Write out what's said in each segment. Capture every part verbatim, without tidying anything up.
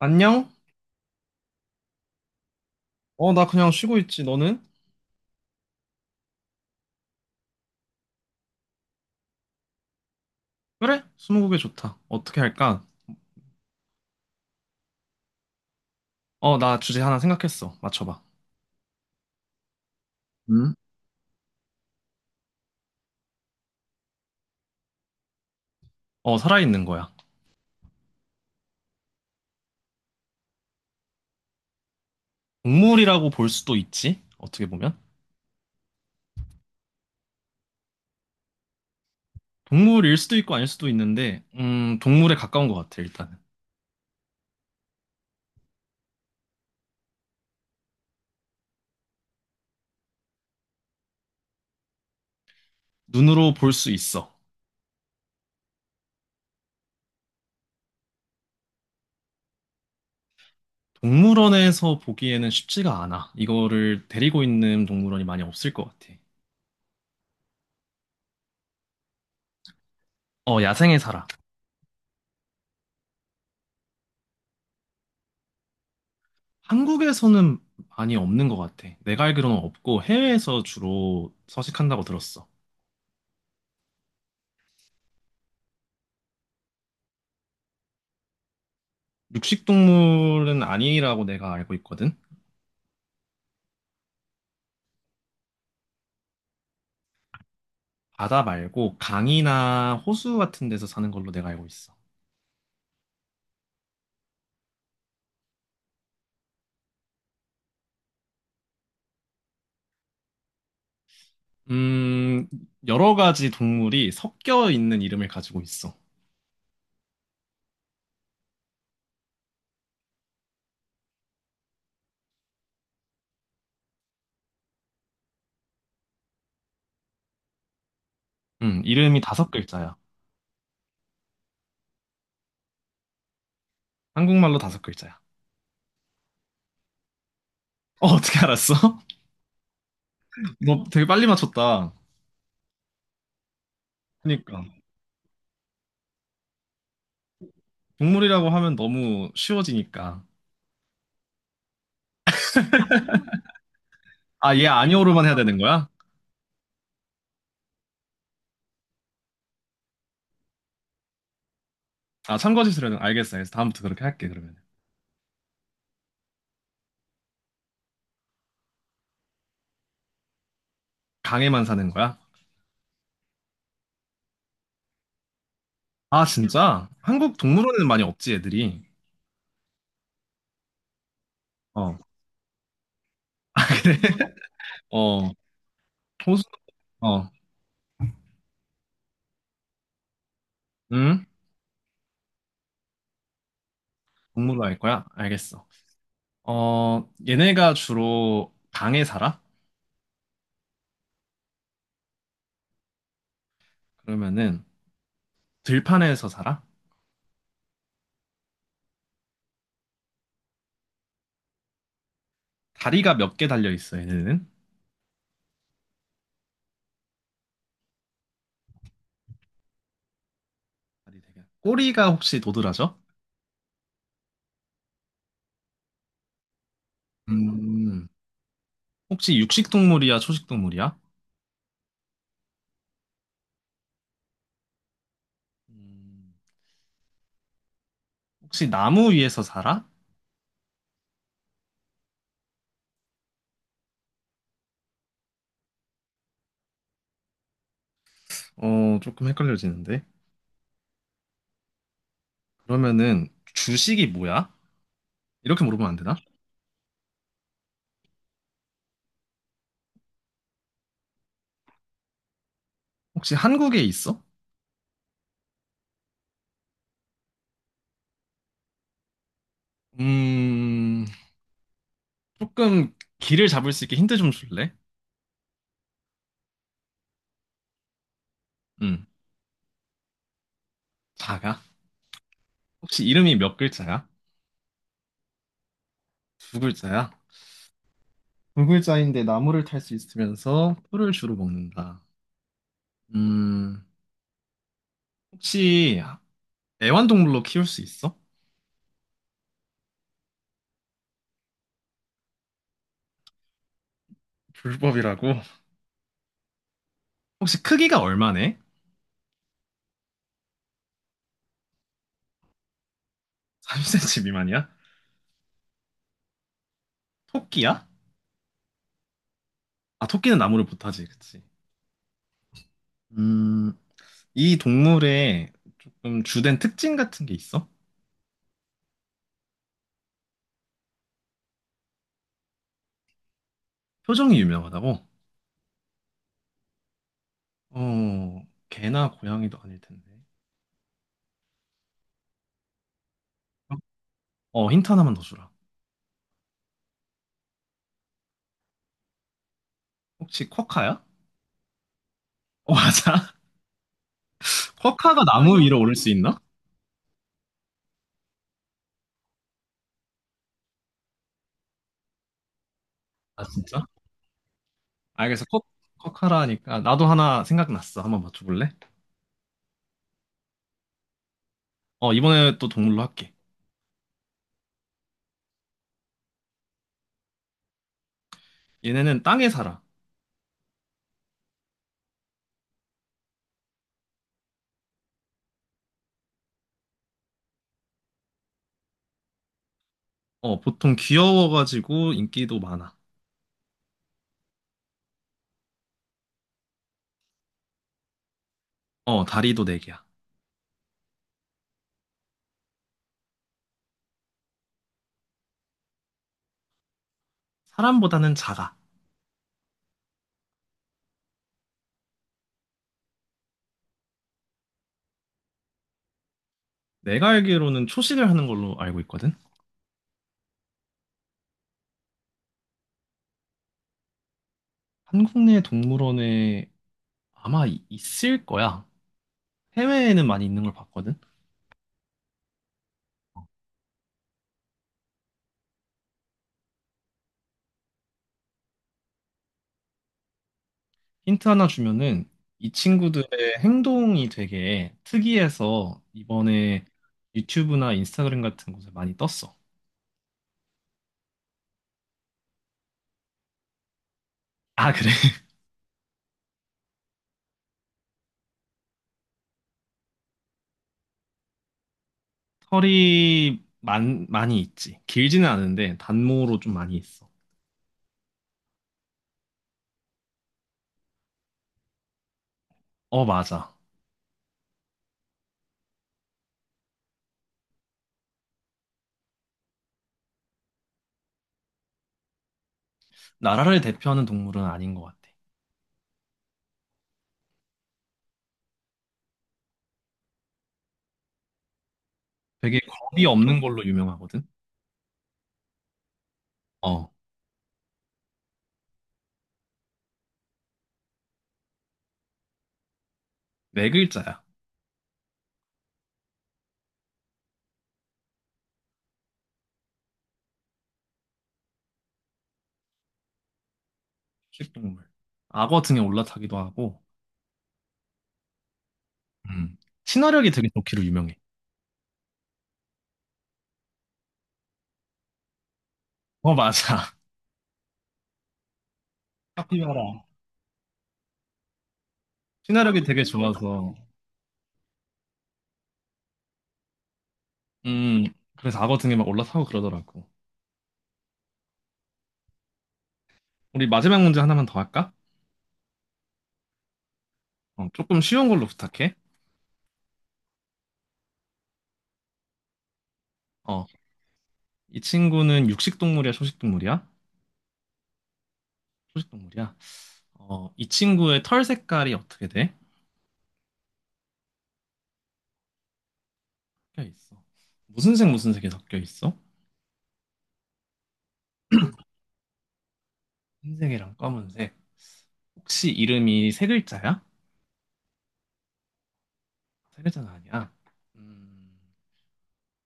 안녕? 어, 나 그냥 쉬고 있지. 너는? 그래? 스무고개 좋다. 어떻게 할까? 어, 나 주제 하나 생각했어. 맞춰봐. 응? 어, 살아있는 거야. 동물이라고 볼 수도 있지. 어떻게 보면. 동물일 수도 있고 아닐 수도 있는데, 음, 동물에 가까운 것 같아, 일단은. 눈으로 볼 수 있어. 동물원에서 보기에는 쉽지가 않아. 이거를 데리고 있는 동물원이 많이 없을 것 같아. 어, 야생에 살아. 한국에서는 많이 없는 것 같아. 내가 알기로는 없고 해외에서 주로 서식한다고 들었어. 육식동물은 아니라고 내가 알고 있거든. 바다 말고 강이나 호수 같은 데서 사는 걸로 내가 알고 있어. 음, 여러 가지 동물이 섞여 있는 이름을 가지고 있어. 음, 이름이 다섯 글자야. 한국말로 다섯 글자야. 어, 어떻게 알았어? 너 되게 빨리 맞췄다. 그러니까. 동물이라고 하면 너무 쉬워지니까. 아, 얘 아니오로만 해야 되는 거야? 아, 참거짓으로는 알겠어. 그래서 다음부터 그렇게 할게, 그러면. 강에만 사는 거야? 아, 진짜? 한국 동물원에는 많이 없지, 애들이. 어. 어, 호수, 어, 응? 동물로 할 거야? 알겠어. 어, 얘네가 주로 방에 살아? 그러면은 들판에서 살아? 다리가 몇 개 달려 있어, 얘네는? 다리 되게. 꼬리가 혹시 도드라져? 음, 혹시 육식 동물이야, 초식 동물이야? 음, 혹시 나무 위에서 살아? 어, 조금 헷갈려지는데. 그러면은 주식이 뭐야? 이렇게 물어보면 안 되나? 혹시 한국에 있어? 음, 조금 길을 잡을 수 있게 힌트 좀 줄래? 응. 자가? 혹시 이름이 몇 글자야? 두 글자야? 두 글자인데 나무를 탈 수 있으면서 풀을 주로 먹는다. 음, 혹시 애완동물로 키울 수 있어? 불법이라고? 혹시 크기가 얼마네? 삼십 센티미터 미만이야? 토끼야? 아, 토끼는 나무를 못 타지, 그치? 음, 이 동물의 조금 주된 특징 같은 게 있어? 표정이 유명하다고? 어, 개나 고양이도 아닐 텐데. 어, 힌트 하나만 더 주라. 혹시 쿼카야? 어, 맞아. 쿼카가 나무 위로 오를 수 있나? 아, 진짜? 알겠어. 쿼, 쿼카라 하니까 나도 하나 생각났어. 한번 맞춰볼래? 어, 이번에 또 동물로 할게. 얘네는 땅에 살아. 어, 보통 귀여워가지고 인기도 많아. 어, 다리도 네 개야. 사람보다는 작아. 내가 알기로는 초식을 하는 걸로 알고 있거든? 한국 내 동물원에 아마 이- 있을 거야. 해외에는 많이 있는 걸 봤거든? 힌트 하나 주면은 이 친구들의 행동이 되게 특이해서 이번에 유튜브나 인스타그램 같은 곳에 많이 떴어. 아, 그래. 털이 많, 많이 있지. 길지는 않은데 단모로 좀 많이 있어. 어, 맞아. 나라를 대표하는 동물은 아닌 것 같아. 되게 겁이 없는 걸로 유명하거든. 어, 네 글자야. 식동물. 악어 등에 올라타기도 하고, 음. 친화력이 되게 좋기로 유명해. 어, 맞아. 카피바라. 친화력이 되게 좋아서 음, 그래서 악어 등에 막 올라타고 그러더라고. 우리 마지막 문제 하나만 더 할까? 어, 조금 쉬운 걸로 부탁해. 어, 이 친구는 육식 동물이야, 초식 동물이야? 초식 동물이야. 어, 이 친구의 털 색깔이 어떻게 돼? 섞여 있어. 무슨 색, 무슨 색이 섞여 있어? 흰색이랑 검은색. 혹시 이름이 세 글자야? 세 글자는 아니야. 음,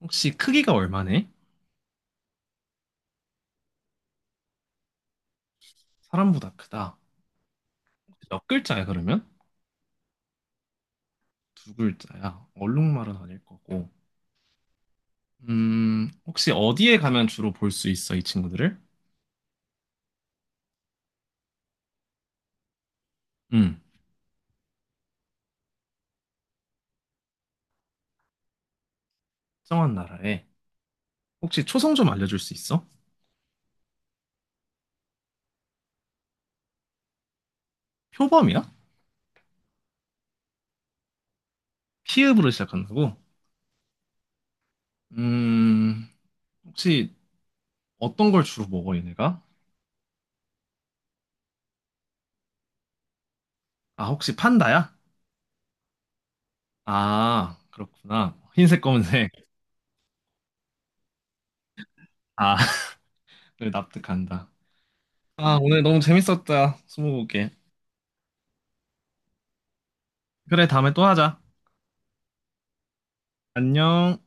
혹시 크기가 얼마네? 사람보다 크다. 혹시 몇 글자야, 그러면? 두 글자야. 얼룩말은 아닐 거고. 음, 혹시 어디에 가면 주로 볼 수 있어, 이 친구들을? 음, 특정한 나라에. 혹시 초성 좀 알려줄 수 있어? 표범이야? 피읍으로 시작한다고? 음, 혹시 어떤 걸 주로 먹어, 얘네가? 아, 혹시 판다야? 아, 그렇구나. 흰색, 검은색. 아, 그래, 납득한다. 아, 오늘 너무 재밌었다. 스무고개. 그래, 다음에 또 하자. 안녕.